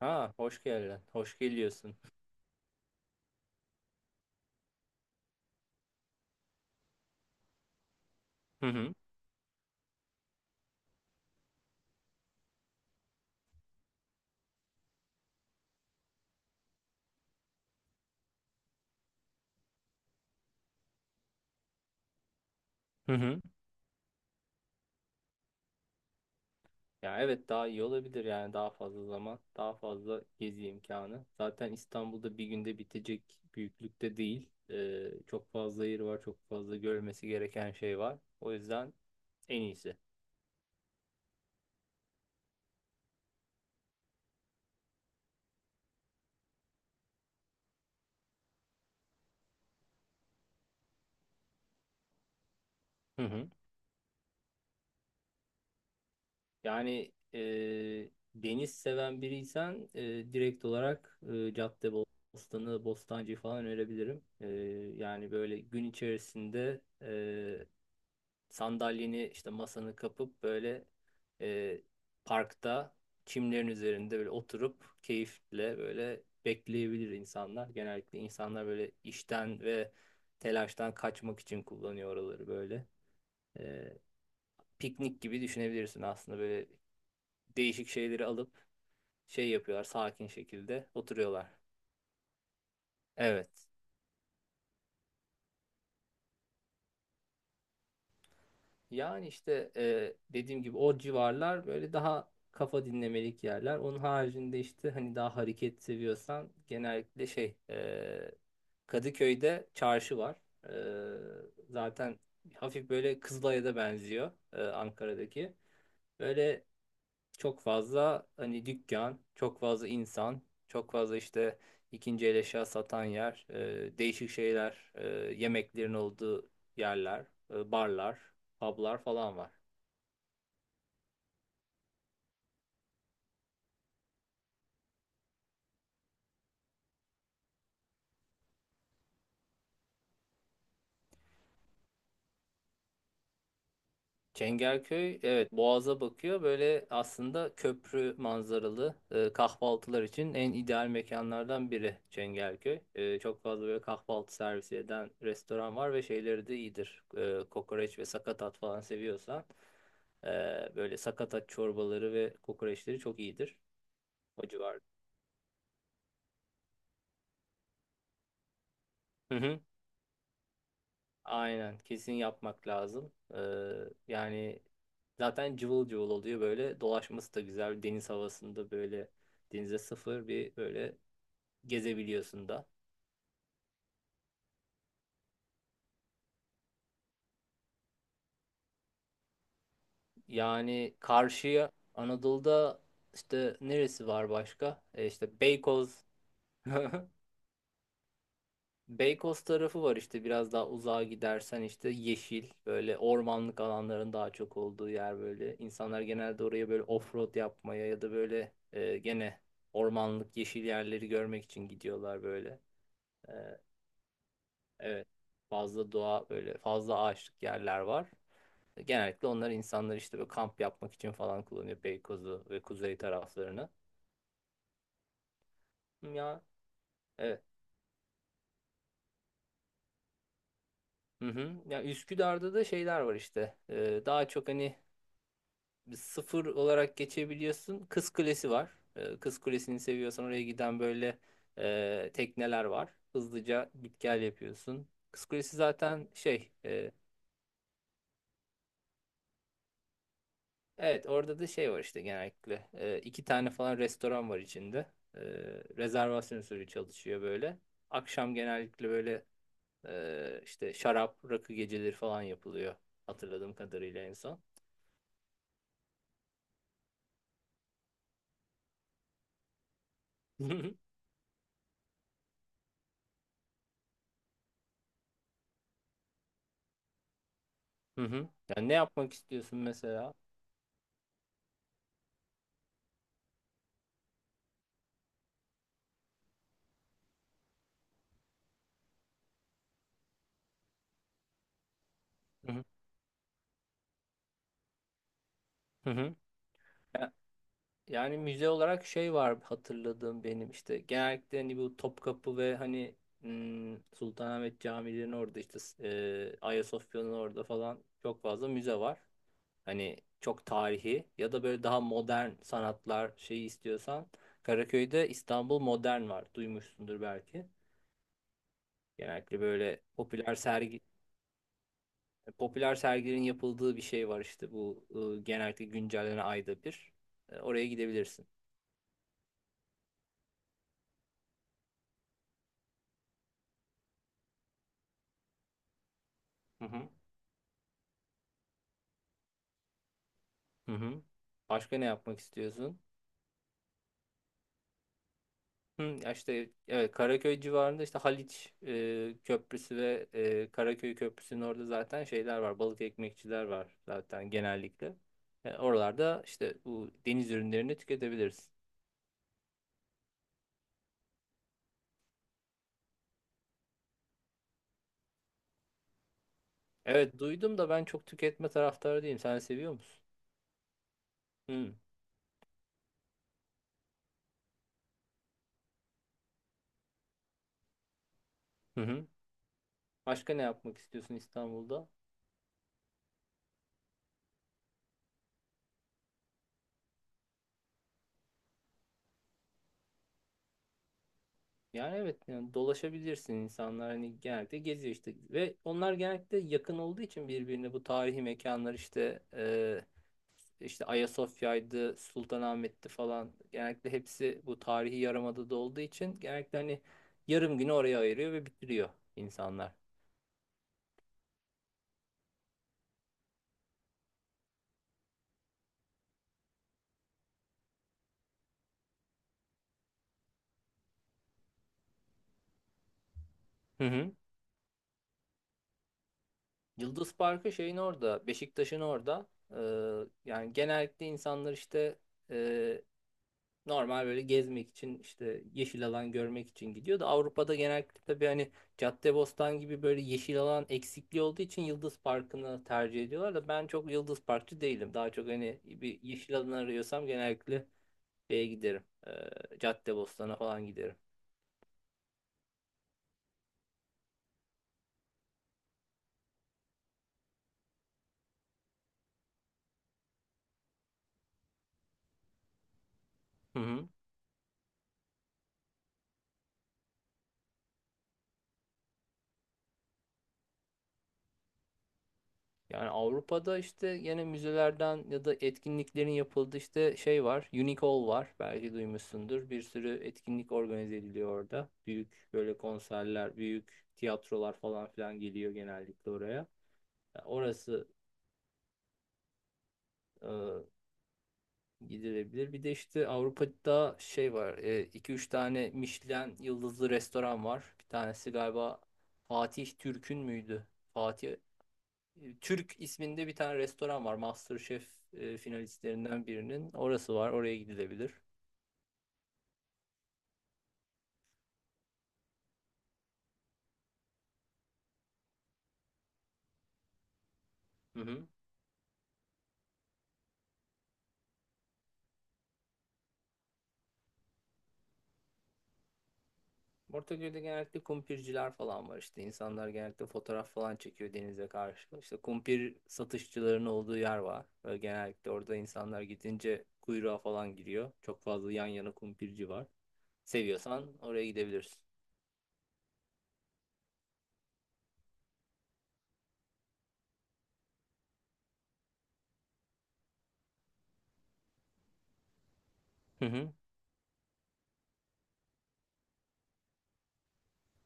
Ha, hoş geldin. Hoş geliyorsun. Hı hı. Hı hı. Ya evet daha iyi olabilir yani daha fazla zaman, daha fazla gezi imkanı. Zaten İstanbul'da bir günde bitecek büyüklükte değil. Çok fazla yer var, çok fazla görmesi gereken şey var. O yüzden en iyisi. Hı hı. Yani deniz seven biriysen direkt olarak Caddebostan'ı, Bostancı'yı falan önerebilirim. Yani böyle gün içerisinde sandalyeni işte masanı kapıp böyle e, parkta çimlerin üzerinde böyle oturup keyifle böyle bekleyebilir insanlar. Genellikle insanlar böyle işten ve telaştan kaçmak için kullanıyor oraları böyle. E, piknik gibi düşünebilirsin aslında böyle değişik şeyleri alıp şey yapıyorlar, sakin şekilde oturuyorlar. Evet. Yani işte dediğim gibi o civarlar böyle daha kafa dinlemelik yerler. Onun haricinde işte hani daha hareket seviyorsan genellikle şey Kadıköy'de çarşı var. E, zaten hafif böyle Kızılay'a da benziyor, Ankara'daki. Böyle çok fazla hani dükkan, çok fazla insan, çok fazla işte ikinci el eşya satan yer, değişik şeyler, yemeklerin olduğu yerler, barlar, publar falan var. Çengelköy evet, Boğaz'a bakıyor. Böyle aslında köprü manzaralı kahvaltılar için en ideal mekanlardan biri Çengelköy. Çok fazla böyle kahvaltı servisi eden restoran var ve şeyleri de iyidir. Kokoreç ve sakatat falan seviyorsan e, böyle sakatat çorbaları ve kokoreçleri çok iyidir o civarda. Aynen, kesin yapmak lazım. Yani zaten cıvıl cıvıl oluyor, böyle dolaşması da güzel deniz havasında, böyle denize sıfır bir böyle gezebiliyorsun da. Yani karşıya Anadolu'da işte neresi var başka? E işte Beykoz. Beykoz tarafı var işte, biraz daha uzağa gidersen işte yeşil böyle ormanlık alanların daha çok olduğu yer böyle. İnsanlar genelde oraya böyle offroad yapmaya ya da böyle gene ormanlık yeşil yerleri görmek için gidiyorlar böyle. E, evet, fazla doğa, böyle fazla ağaçlık yerler var. Genellikle onlar, insanlar işte böyle kamp yapmak için falan kullanıyor Beykoz'u ve kuzey taraflarını. Ya evet. Hı hı. Ya Üsküdar'da da şeyler var işte. Daha çok hani sıfır olarak geçebiliyorsun. Kız Kulesi var. Kız Kulesi'ni seviyorsan oraya giden böyle tekneler var. Hızlıca git gel yapıyorsun. Kız Kulesi zaten şey. Evet, orada da şey var işte genellikle. İki tane falan restoran var içinde. E, rezervasyon usulü çalışıyor böyle. Akşam genellikle böyle işte şarap, rakı geceleri falan yapılıyor. Hatırladığım kadarıyla en son. Hı hı. Hı hı. Yani ne yapmak istiyorsun mesela? Hı hı. Hı hı. Yani müze olarak şey var hatırladığım benim, işte genellikle hani bu Topkapı ve hani Sultanahmet Camii'nin orada işte Ayasofya'nın orada falan çok fazla müze var. Hani çok tarihi ya da böyle daha modern sanatlar şeyi istiyorsan Karaköy'de İstanbul Modern var. Duymuşsundur belki. Genellikle böyle popüler sergilerin yapıldığı bir şey var işte, bu genellikle güncellenen ayda bir. Oraya gidebilirsin. Hı hı. Hı hı. Başka ne yapmak istiyorsun? Hı, ya işte evet, Karaköy civarında işte Haliç Köprüsü ve Karaköy Köprüsü'nün orada zaten şeyler var. Balık ekmekçiler var zaten genellikle. Oralarda işte bu deniz ürünlerini tüketebiliriz. Evet, duydum da ben çok tüketme taraftarı değilim. Sen seviyor musun? Hı. Hı hı. Başka ne yapmak istiyorsun İstanbul'da? Yani evet, yani dolaşabilirsin, insanlar hani genellikle geziyor işte ve onlar genellikle yakın olduğu için birbirine bu tarihi mekanlar işte işte Ayasofya'ydı, Sultanahmet'ti falan, genellikle hepsi bu tarihi yarımadada olduğu için genellikle hani yarım günü oraya ayırıyor ve bitiriyor insanlar. Hı hı. Yıldız Parkı şeyin orada, Beşiktaş'ın orada. E, yani genellikle insanlar işte normal böyle gezmek için işte yeşil alan görmek için gidiyor da, Avrupa'da genellikle tabii hani Caddebostan gibi böyle yeşil alan eksikliği olduğu için Yıldız Parkı'nı tercih ediyorlar da ben çok Yıldız Parkçı değilim. Daha çok hani bir yeşil alan arıyorsam genellikle şeye giderim. Caddebostan'a falan giderim. Hı hı. Yani Avrupa'da işte yine müzelerden ya da etkinliklerin yapıldığı işte şey var. Unicall var. Belki duymuşsundur. Bir sürü etkinlik organize ediliyor orada. Büyük böyle konserler, büyük tiyatrolar falan filan geliyor genellikle oraya. Yani orası e, gidilebilir. Bir de işte Avrupa'da şey var. İki üç tane Michelin yıldızlı restoran var. Bir tanesi galiba Fatih Türk'ün müydü? Fatih Türk isminde bir tane restoran var. MasterChef finalistlerinden birinin. Orası var. Oraya gidilebilir. Hı hı. Ortaköy'de genellikle kumpirciler falan var işte. İnsanlar genellikle fotoğraf falan çekiyor denize karşı. İşte kumpir satışçılarının olduğu yer var. Böyle genellikle orada insanlar gidince kuyruğa falan giriyor. Çok fazla yan yana kumpirci var. Seviyorsan oraya gidebilirsin. Hı hı.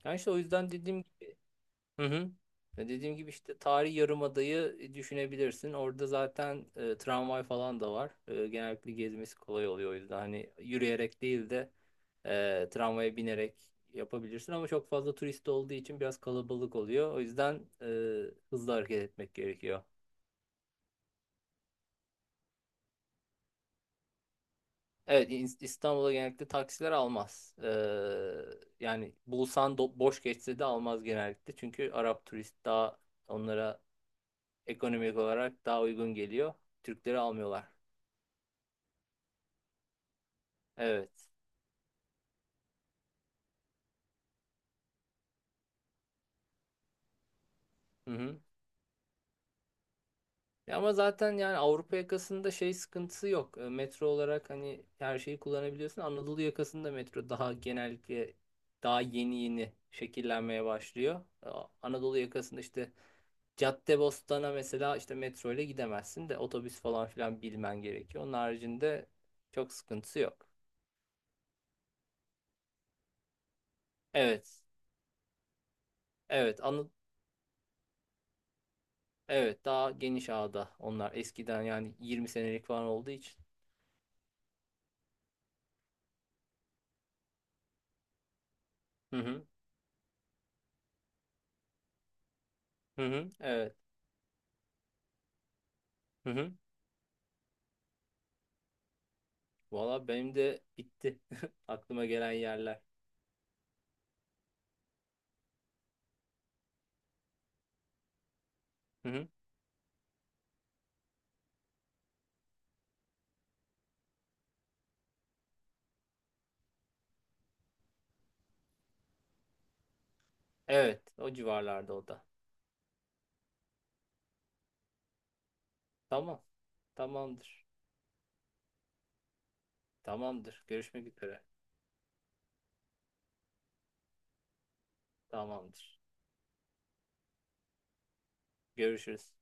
Yani işte o yüzden dediğim. Hı hı. Ve dediğim gibi işte Tarihi Yarımada'yı düşünebilirsin. Orada zaten tramvay falan da var. Genellikle gezmesi kolay oluyor o yüzden. Hani yürüyerek değil de tramvaya binerek yapabilirsin. Ama çok fazla turist olduğu için biraz kalabalık oluyor. O yüzden e, hızlı hareket etmek gerekiyor. Evet, İstanbul'a genellikle taksiler almaz. Yani bulsan, boş geçse de almaz genellikle. Çünkü Arap turist daha onlara ekonomik olarak daha uygun geliyor. Türkleri almıyorlar. Evet. Hı hı. Ya ama zaten yani Avrupa yakasında şey sıkıntısı yok. Metro olarak hani her şeyi kullanabiliyorsun. Anadolu yakasında metro daha genellikle daha yeni yeni şekillenmeye başlıyor. E, Anadolu yakasında işte Caddebostan'a mesela işte metro ile gidemezsin de otobüs falan filan bilmen gerekiyor. Onun haricinde çok sıkıntısı yok. Evet. Evet. Evet, daha geniş ağda onlar, eskiden yani 20 senelik falan olduğu için. Hı hı. Hı hı. Evet. Hı hı. Valla benim de bitti. Aklıma gelen yerler. Hı hı. Evet, o civarlarda o da. Tamam. Tamamdır. Tamamdır. Görüşmek üzere. Tamamdır. Görüşürüz.